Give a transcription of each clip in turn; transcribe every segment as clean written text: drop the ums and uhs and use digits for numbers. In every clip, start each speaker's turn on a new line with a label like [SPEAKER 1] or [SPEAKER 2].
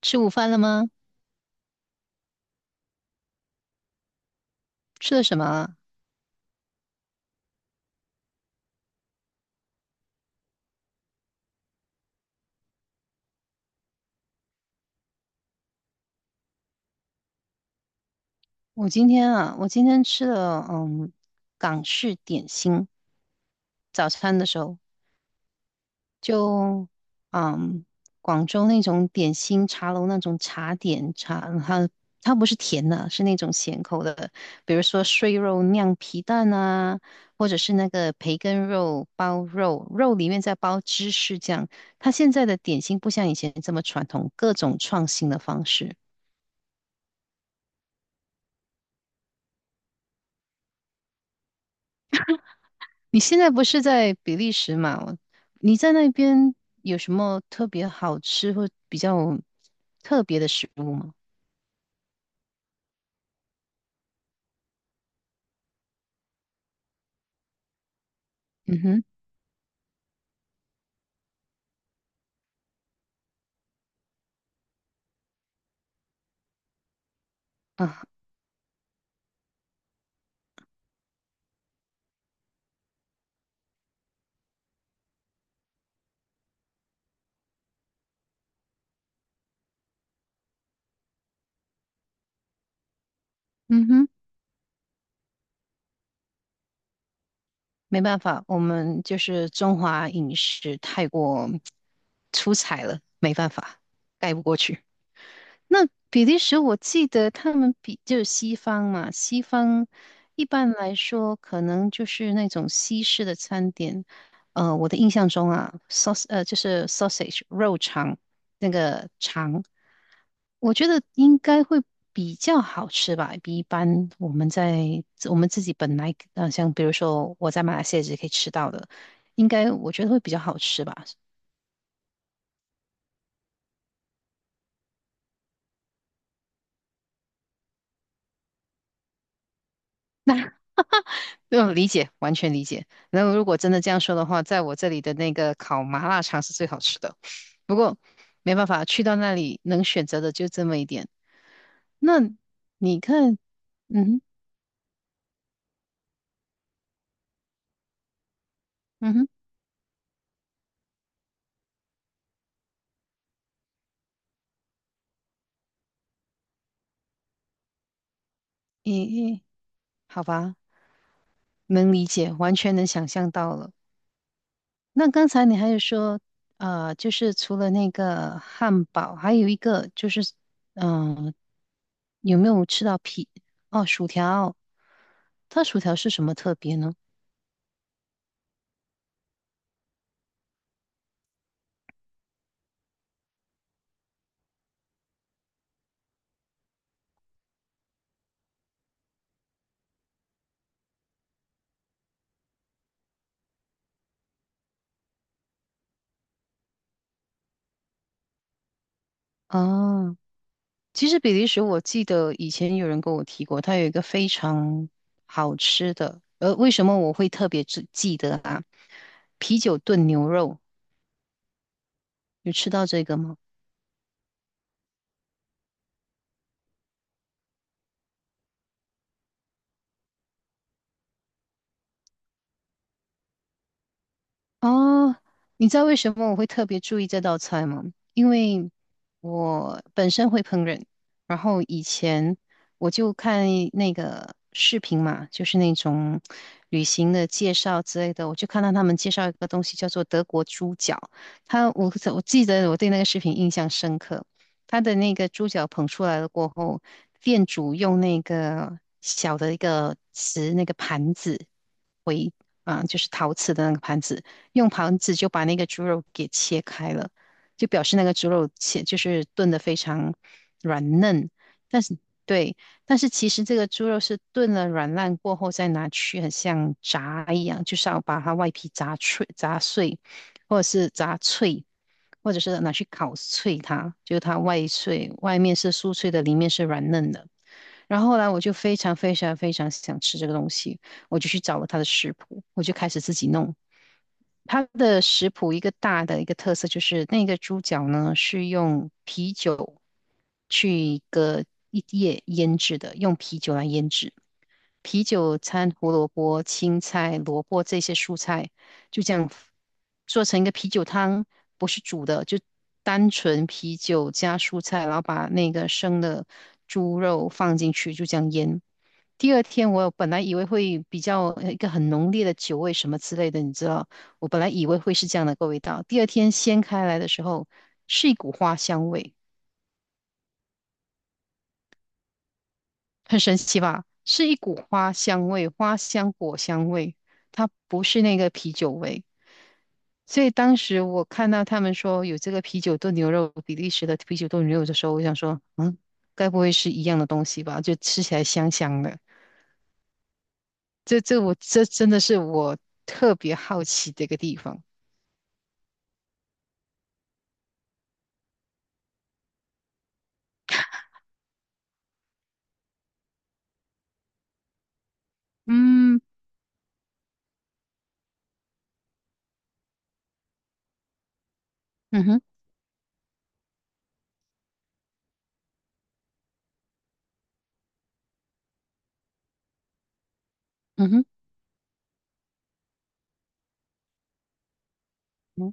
[SPEAKER 1] 吃午饭了吗？吃了什么啊？我今天啊，我今天吃了港式点心，早餐的时候。就嗯广州那种点心茶楼那种茶点茶，它它不是甜的，是那种咸口的，比如说碎肉酿皮蛋啊，或者是那个培根肉包肉，肉里面再包芝士酱。它现在的点心不像以前这么传统，各种创新的方式。你现在不是在比利时嘛？你在那边有什么特别好吃或比较特别的食物吗？嗯哼，啊，嗯哼，没办法，我们就是中华饮食太过 出彩了，没办法，盖不过去。那比利时，我记得他们比就是西方嘛，西方一般来说可能就是那种西式的餐点。我的印象中啊，saus 就是 sausage 肉肠那个肠，我觉得应该会比较好吃吧，比一般我们在我们自己本来像比如说我在马来西亚也可以吃到的，应该我觉得会比较好吃吧。嗯，理解，完全理解。然后如果真的这样说的话，在我这里的那个烤麻辣肠是最好吃的。不过没办法，去到那里能选择的就这么一点。那你看，嗯哼，嗯哼，咦、咦，好吧，能理解，完全能想象到了。那刚才你还有说，就是除了那个汉堡，还有一个就是，嗯、有没有吃到皮？哦，薯条，它薯条是什么特别呢？哦。其实比利时，我记得以前有人跟我提过，它有一个非常好吃的，为什么我会特别记得啊？啤酒炖牛肉，有吃到这个吗？哦，你知道为什么我会特别注意这道菜吗？因为我本身会烹饪，然后以前我就看那个视频嘛，就是那种旅行的介绍之类的，我就看到他们介绍一个东西叫做德国猪脚，我记得我对那个视频印象深刻。他的那个猪脚捧出来了过后，店主用那个小的一个瓷那个盘子为啊，就是陶瓷的那个盘子，用盘子就把那个猪肉给切开了，就表示那个猪肉切就是炖得非常软嫩。但是对，但是其实这个猪肉是炖了软烂过后再拿去，很像炸一样，就是要把它外皮炸脆、炸碎，或者是炸脆，或者是拿去烤脆它，就是它外脆，外面是酥脆的，里面是软嫩的。然后后来我就非常非常非常想吃这个东西，我就去找了它的食谱，我就开始自己弄。它的食谱一个大的一个特色就是那个猪脚呢是用啤酒去一个一夜腌制的，用啤酒来腌制。啤酒掺胡萝卜、青菜、萝卜这些蔬菜，就这样做成一个啤酒汤，不是煮的，就单纯啤酒加蔬菜，然后把那个生的猪肉放进去，就这样腌。第二天我本来以为会比较一个很浓烈的酒味什么之类的，你知道，我本来以为会是这样的个味道。第二天掀开来的时候，是一股花香味。很神奇吧？是一股花香味，花香果香味，它不是那个啤酒味。所以当时我看到他们说有这个啤酒炖牛肉，比利时的啤酒炖牛肉的时候，我想说，嗯，该不会是一样的东西吧？就吃起来香香的。这真的是我特别好奇的一个地方。嗯，嗯哼，嗯哼，嗯，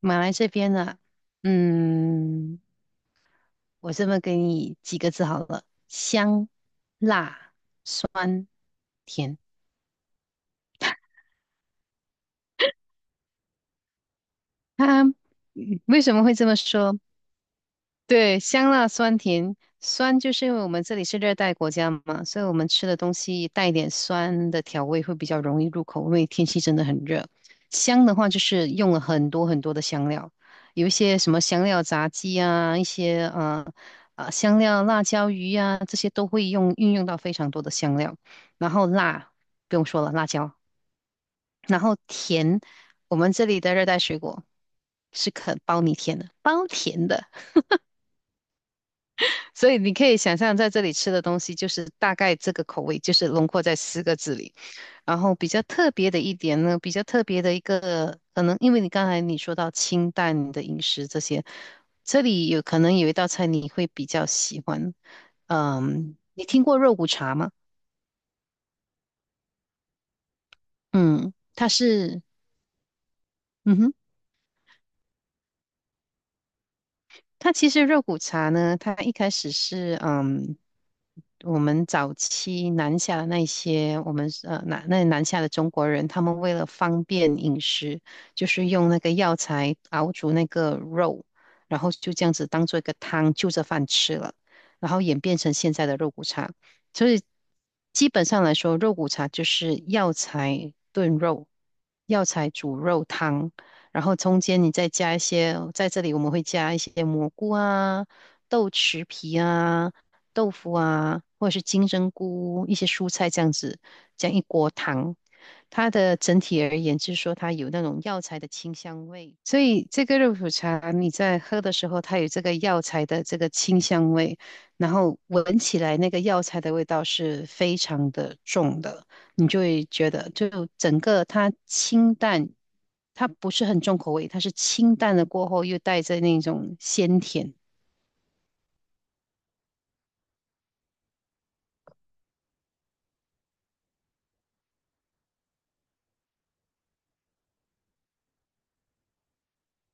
[SPEAKER 1] 马来这边呢，嗯。我这么给你几个字好了：香、辣、酸、甜。它、为什么会这么说？对，香辣酸甜，酸就是因为我们这里是热带国家嘛，所以我们吃的东西带一点酸的调味会比较容易入口，因为天气真的很热。香的话就是用了很多很多的香料，有一些什么香料炸鸡啊，一些香料辣椒鱼啊，这些都会用运用到非常多的香料。然后辣不用说了，辣椒。然后甜，我们这里的热带水果是肯包你甜的，包甜的。所以你可以想象，在这里吃的东西就是大概这个口味，就是轮廓在四个字里。然后比较特别的一点呢，比较特别的一个，可能因为你刚才你说到清淡的饮食这些，这里有可能有一道菜你会比较喜欢。嗯，你听过肉骨茶吗？嗯，它是，嗯哼。它其实肉骨茶呢，它一开始是我们早期南下的那些我们那南下的中国人，他们为了方便饮食，就是用那个药材熬煮那个肉，然后就这样子当做一个汤，就着饭吃了，然后演变成现在的肉骨茶。所以基本上来说，肉骨茶就是药材炖肉、药材煮肉汤，然后中间你再加一些，在这里我们会加一些蘑菇啊、豆豉皮啊、豆腐啊，或者是金针菇、一些蔬菜这样子，这样一锅汤。它的整体而言，就是说它有那种药材的清香味，所以这个肉骨茶你在喝的时候，它有这个药材的这个清香味，然后闻起来那个药材的味道是非常的重的，你就会觉得就整个它清淡，它不是很重口味，它是清淡的过后又带着那种鲜甜。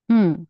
[SPEAKER 1] 嗯，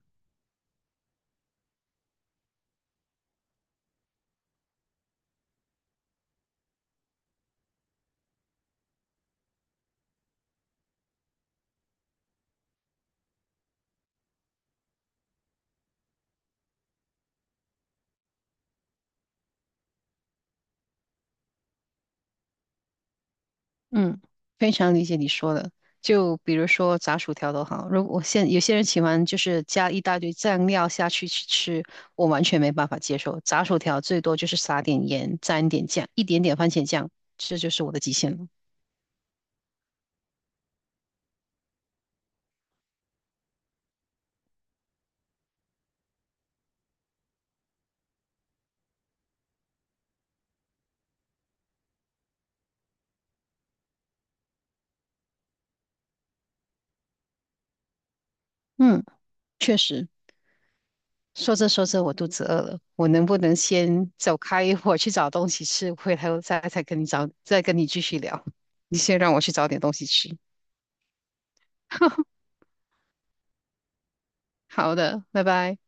[SPEAKER 1] 嗯，非常理解你说的。就比如说炸薯条都好，如果我现有些人喜欢就是加一大堆酱料下去去吃，我完全没办法接受。炸薯条最多就是撒点盐，沾点酱，一点点番茄酱，这就是我的极限了。嗯，确实。说着说着，我肚子饿了，我能不能先走开一会儿去找东西吃，回头再跟你找，再跟你继续聊？你先让我去找点东西吃。好的，拜拜。